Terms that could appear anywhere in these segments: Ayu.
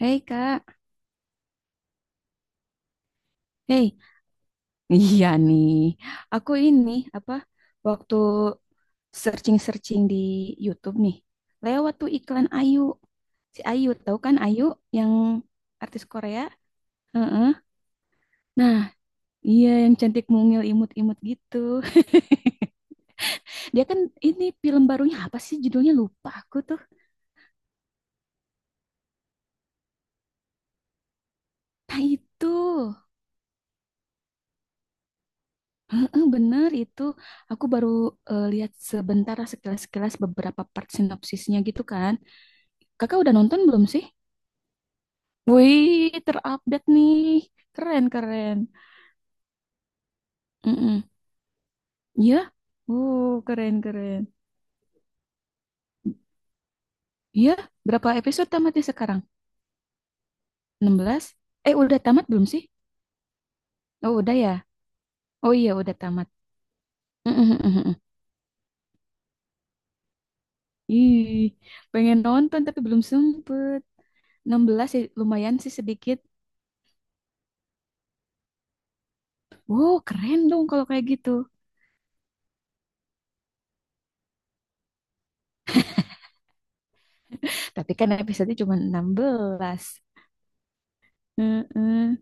Hei Kak, hei, iya nih, aku ini apa waktu searching-searching di YouTube nih, lewat tuh iklan Ayu, si Ayu tahu kan Ayu yang artis Korea. Heeh. Nah iya yang cantik mungil imut-imut gitu, dia kan ini film barunya apa sih judulnya lupa aku tuh, nah itu. Heeh, bener itu, aku baru lihat sebentar sekilas-sekilas beberapa part sinopsisnya gitu kan, kakak udah nonton belum sih? Wih, terupdate nih. Keren, keren. Mm-mm. Iya? Keren, keren. Iya? Berapa episode tamatnya sekarang? 16? Udah tamat belum sih? Oh, udah ya? Oh iya, udah tamat. Mm-mm-mm-mm. Ih, pengen nonton tapi belum sempet. 16 sih, lumayan sih sedikit. Wow, keren dong kalau kayak gitu. Tapi kan episode cuma 16. Heeh.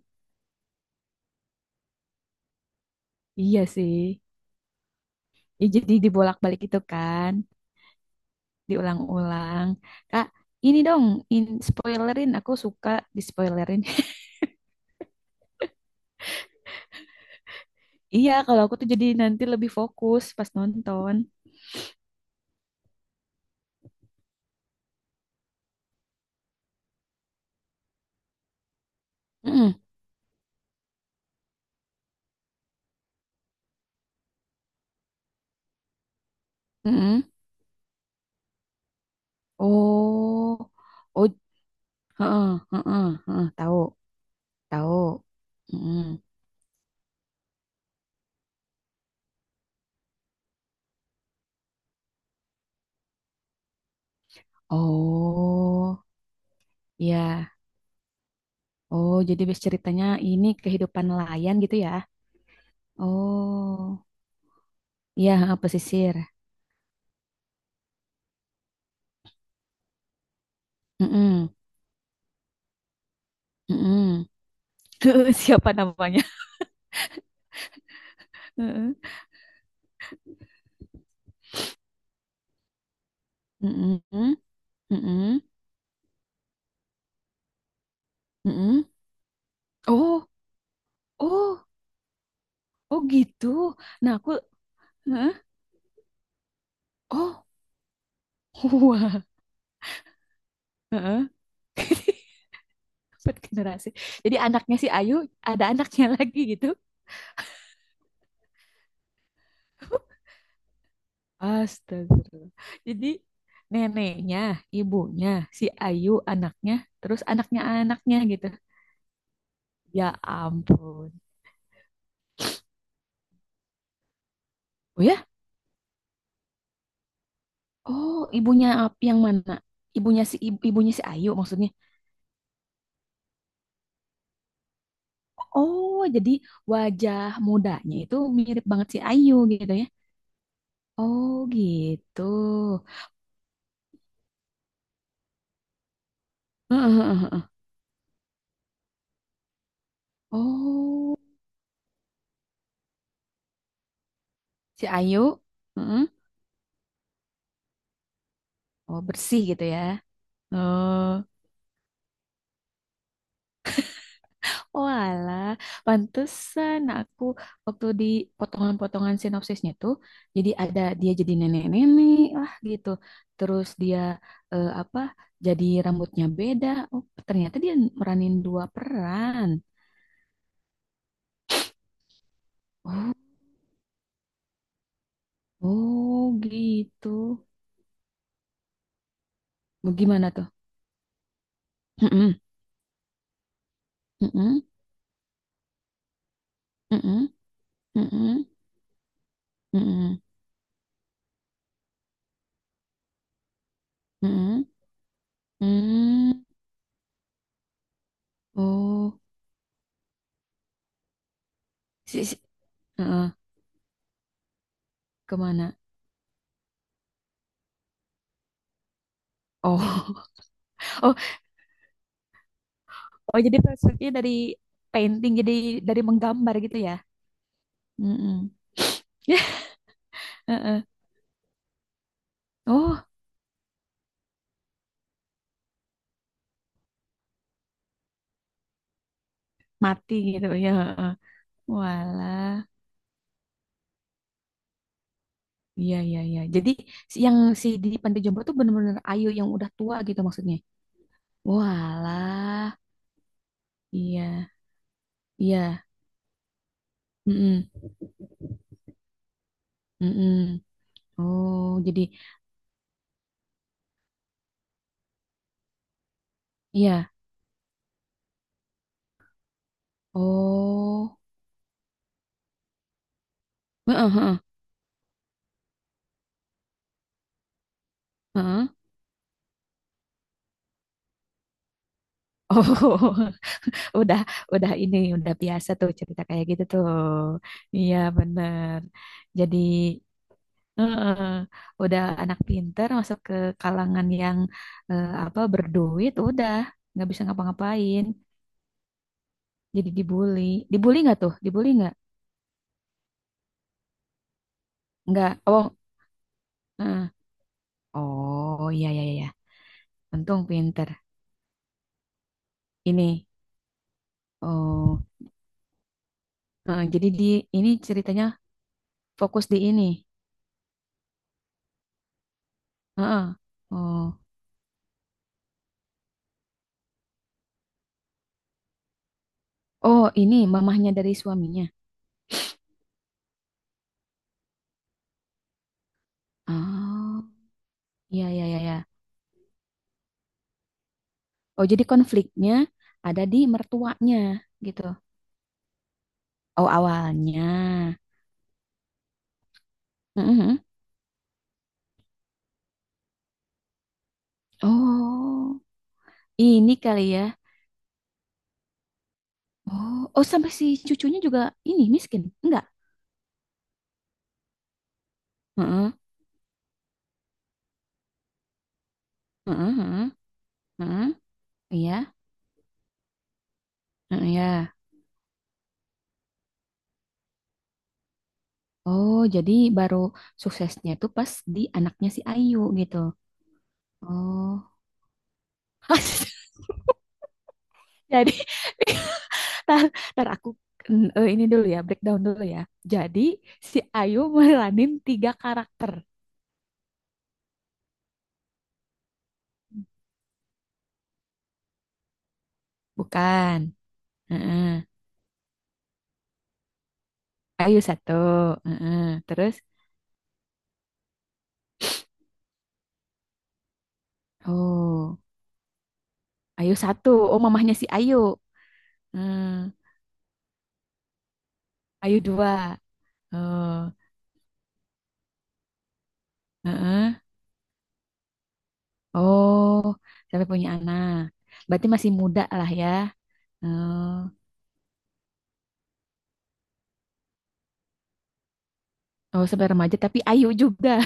Iya sih. Ya, jadi dibolak-balik itu kan. Diulang-ulang. Kak, ini dong, in spoilerin. Aku suka di spoilerin. Iya, kalau aku tuh jadi nanti lebih fokus pas nonton. Mm-mm, mm-mm. Oh, oh, heeh, heeh, heeh, tahu, tahu. Mm-mm. Oh, iya. Oh, jadi base ceritanya ini kehidupan nelayan gitu ya? Oh, iya, heeh, pesisir. Mm-mm, mm-mm. Siapa namanya? Heeh. Mm-mm, mm-mm. Mm-mm. Oh, oh, oh gitu. Nah, aku, heeh, oh, wah, heeh. Empat generasi. Jadi anaknya si Ayu ada anaknya lagi gitu. Astaga. Jadi neneknya, ibunya, si Ayu anaknya, terus anaknya anaknya gitu. Ya ampun. Oh ya? Oh, ibunya yang mana? Ibunya ibunya si Ayu maksudnya. Oh, jadi wajah mudanya itu mirip banget si Ayu gitu ya. Oh gitu. Heeh, heeh, heeh. Oh, si Ayu. Heeh. Oh, bersih gitu ya. Oh, walah. Pantesan aku waktu di potongan-potongan sinopsisnya tuh, jadi ada dia jadi nenek-nenek lah gitu. Terus dia apa? Jadi rambutnya beda. Oh, ternyata dia meranin dua peran. Oh, oh gitu. Bagaimana tuh? Heeh, heeh, heeh, heeh, heeh. Mm-mm. Mm. Oh, si, si- heeh. Kemana? Oh, oh, oh. Jadi perspektifnya dari painting, jadi dari menggambar gitu ya? Mm-mm. Heeh. Oh, mati gitu ya, heeh. Walah, iya, iya, iya. Jadi yang si di Panti Jompo tuh bener-bener Ayu yang udah tua gitu maksudnya. Walah, iya, iya. Mm-mm. Mm-mm. Oh, jadi iya. Oh, heeh, heeh, heeh. Oh, udah udah ini udah biasa tuh cerita kayak gitu tuh, iya bener. Jadi eh, udah anak pinter masuk ke kalangan yang apa berduit, udah nggak bisa ngapa-ngapain, jadi dibully. Dibully nggak tuh? Dibully nggak? Nggak. Oh eh. Oh, iya, iya, iya, untung pinter ini. Oh jadi di ini ceritanya fokus di ini. Heeh. Oh, oh, ini mamahnya dari suaminya. Oh. Iya, iya, iya, iya. Oh, jadi konfliknya ada di mertuanya gitu. Oh, awalnya. Mhm. Oh, ini kali ya. Oh, oh, sampai si cucunya juga ini miskin. Enggak. Heeh. Heeh, heeh, heeh. Iya. Heeh, iya. Oh, jadi baru suksesnya tuh pas di anaknya si Ayu gitu. Oh. Jadi, tar, tar aku ini dulu ya, breakdown dulu ya. Jadi si Ayu meranin tiga karakter. Bukan. Heeh. Ayu satu. Heeh. Terus, oh, Ayu satu. Oh, mamahnya si Ayu. Heeh. Ayu dua. Oh, heeh. Oh, sampai punya anak. Berarti masih muda lah ya. Oh, oh, sampai remaja tapi Ayu juga.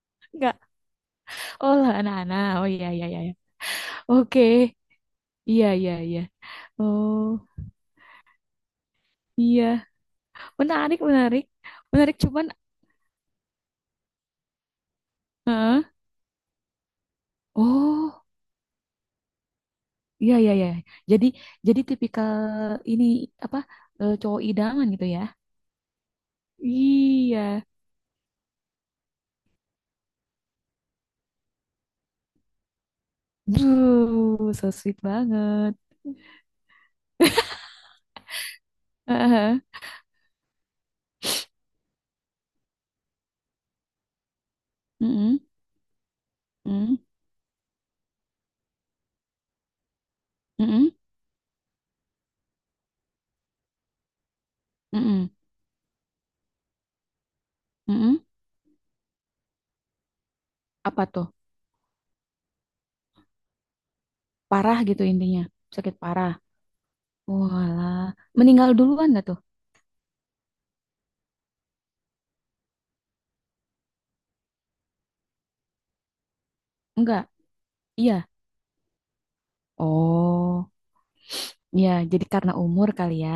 Enggak. Oh lah anak-anak. Oh, iya, iya, iya, iya. Oke. Iya, iya, iya. Oh iya. Menarik, menarik. Menarik cuman. Oh. Iya, iya, iya. Jadi, tipikal ini apa, cowok idaman gitu ya? Iya. Duh, so sweet banget. Heeh. Mm-mm, mm, mm-mm, mm-mm, mm-mm. Apa tuh? Parah gitu intinya. Sakit parah. Walah. Meninggal duluan nggak tuh? Enggak. Iya. Oh, iya. Jadi karena umur kali ya.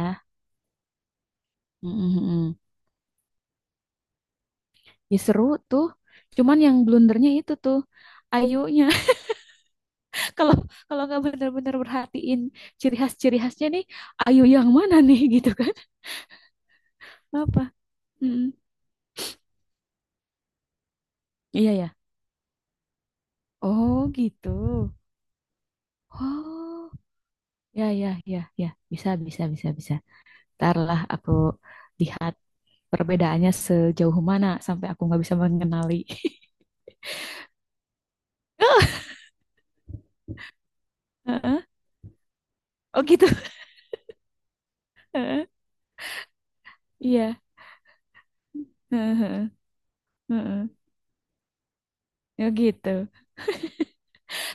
Mm-mm, mm-mm. Ya seru tuh. Cuman yang blundernya itu tuh. Ayunya. kalau kalau nggak benar-benar perhatiin ciri khas ciri khasnya nih, Ayu yang mana nih, gitu kan, apa. Mm-mm. Iya ya, oh gitu. Oh, ya, ya, ya, ya, bisa, bisa, bisa, bisa. Tarlah aku lihat perbedaannya sejauh mana sampai aku nggak bisa mengenali. Heeh. Oh gitu. Heeh. Iya. Heeh. Heeh. Ya gitu,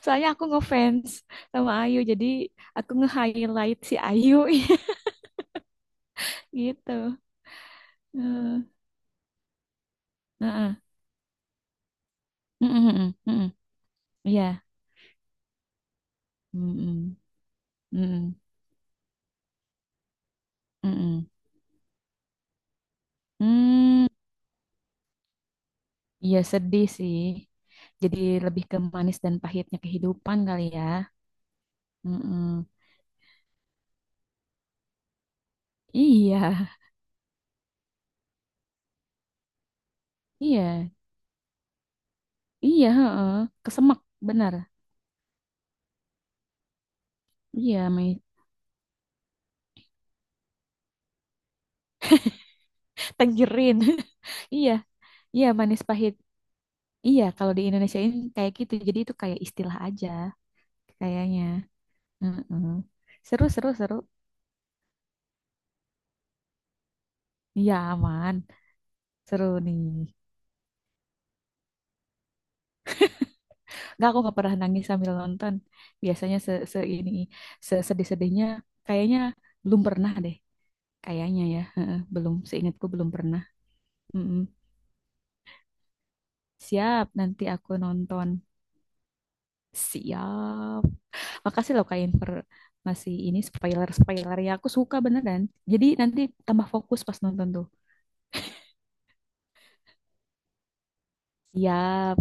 soalnya aku ngefans sama Ayu, jadi aku nge-highlight si Ayu. Gitu. Eh, heeh. Mm-mm, mm-mm, mm-mm. Iya. Mm-mm, mm-mm, mm-mm. Hmm, iya sedih sih. Jadi lebih ke manis dan pahitnya kehidupan kali ya. Mm-mm. Iya, iya, iya, heeh. Kesemek, benar. Iya, mi- Tangerine. Iya, iya manis pahit. Iya, kalau di Indonesia ini kayak gitu. Jadi itu kayak istilah aja kayaknya. Heeh. Seru, seru, seru. Iya, aman. Seru nih. Nggak, aku nggak pernah nangis sambil nonton. Biasanya se, ini sedih-sedihnya kayaknya belum pernah deh. Kayaknya ya, heeh, belum seingatku belum pernah. Mm-mm. Siap, nanti aku nonton. Siap. Makasih loh Kak Inver, masih ini spoiler-spoiler ya, aku suka beneran. Jadi nanti tambah fokus pas nonton tuh. Siap.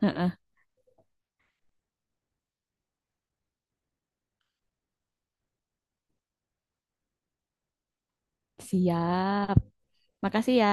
Heeh, siap. Makasih ya.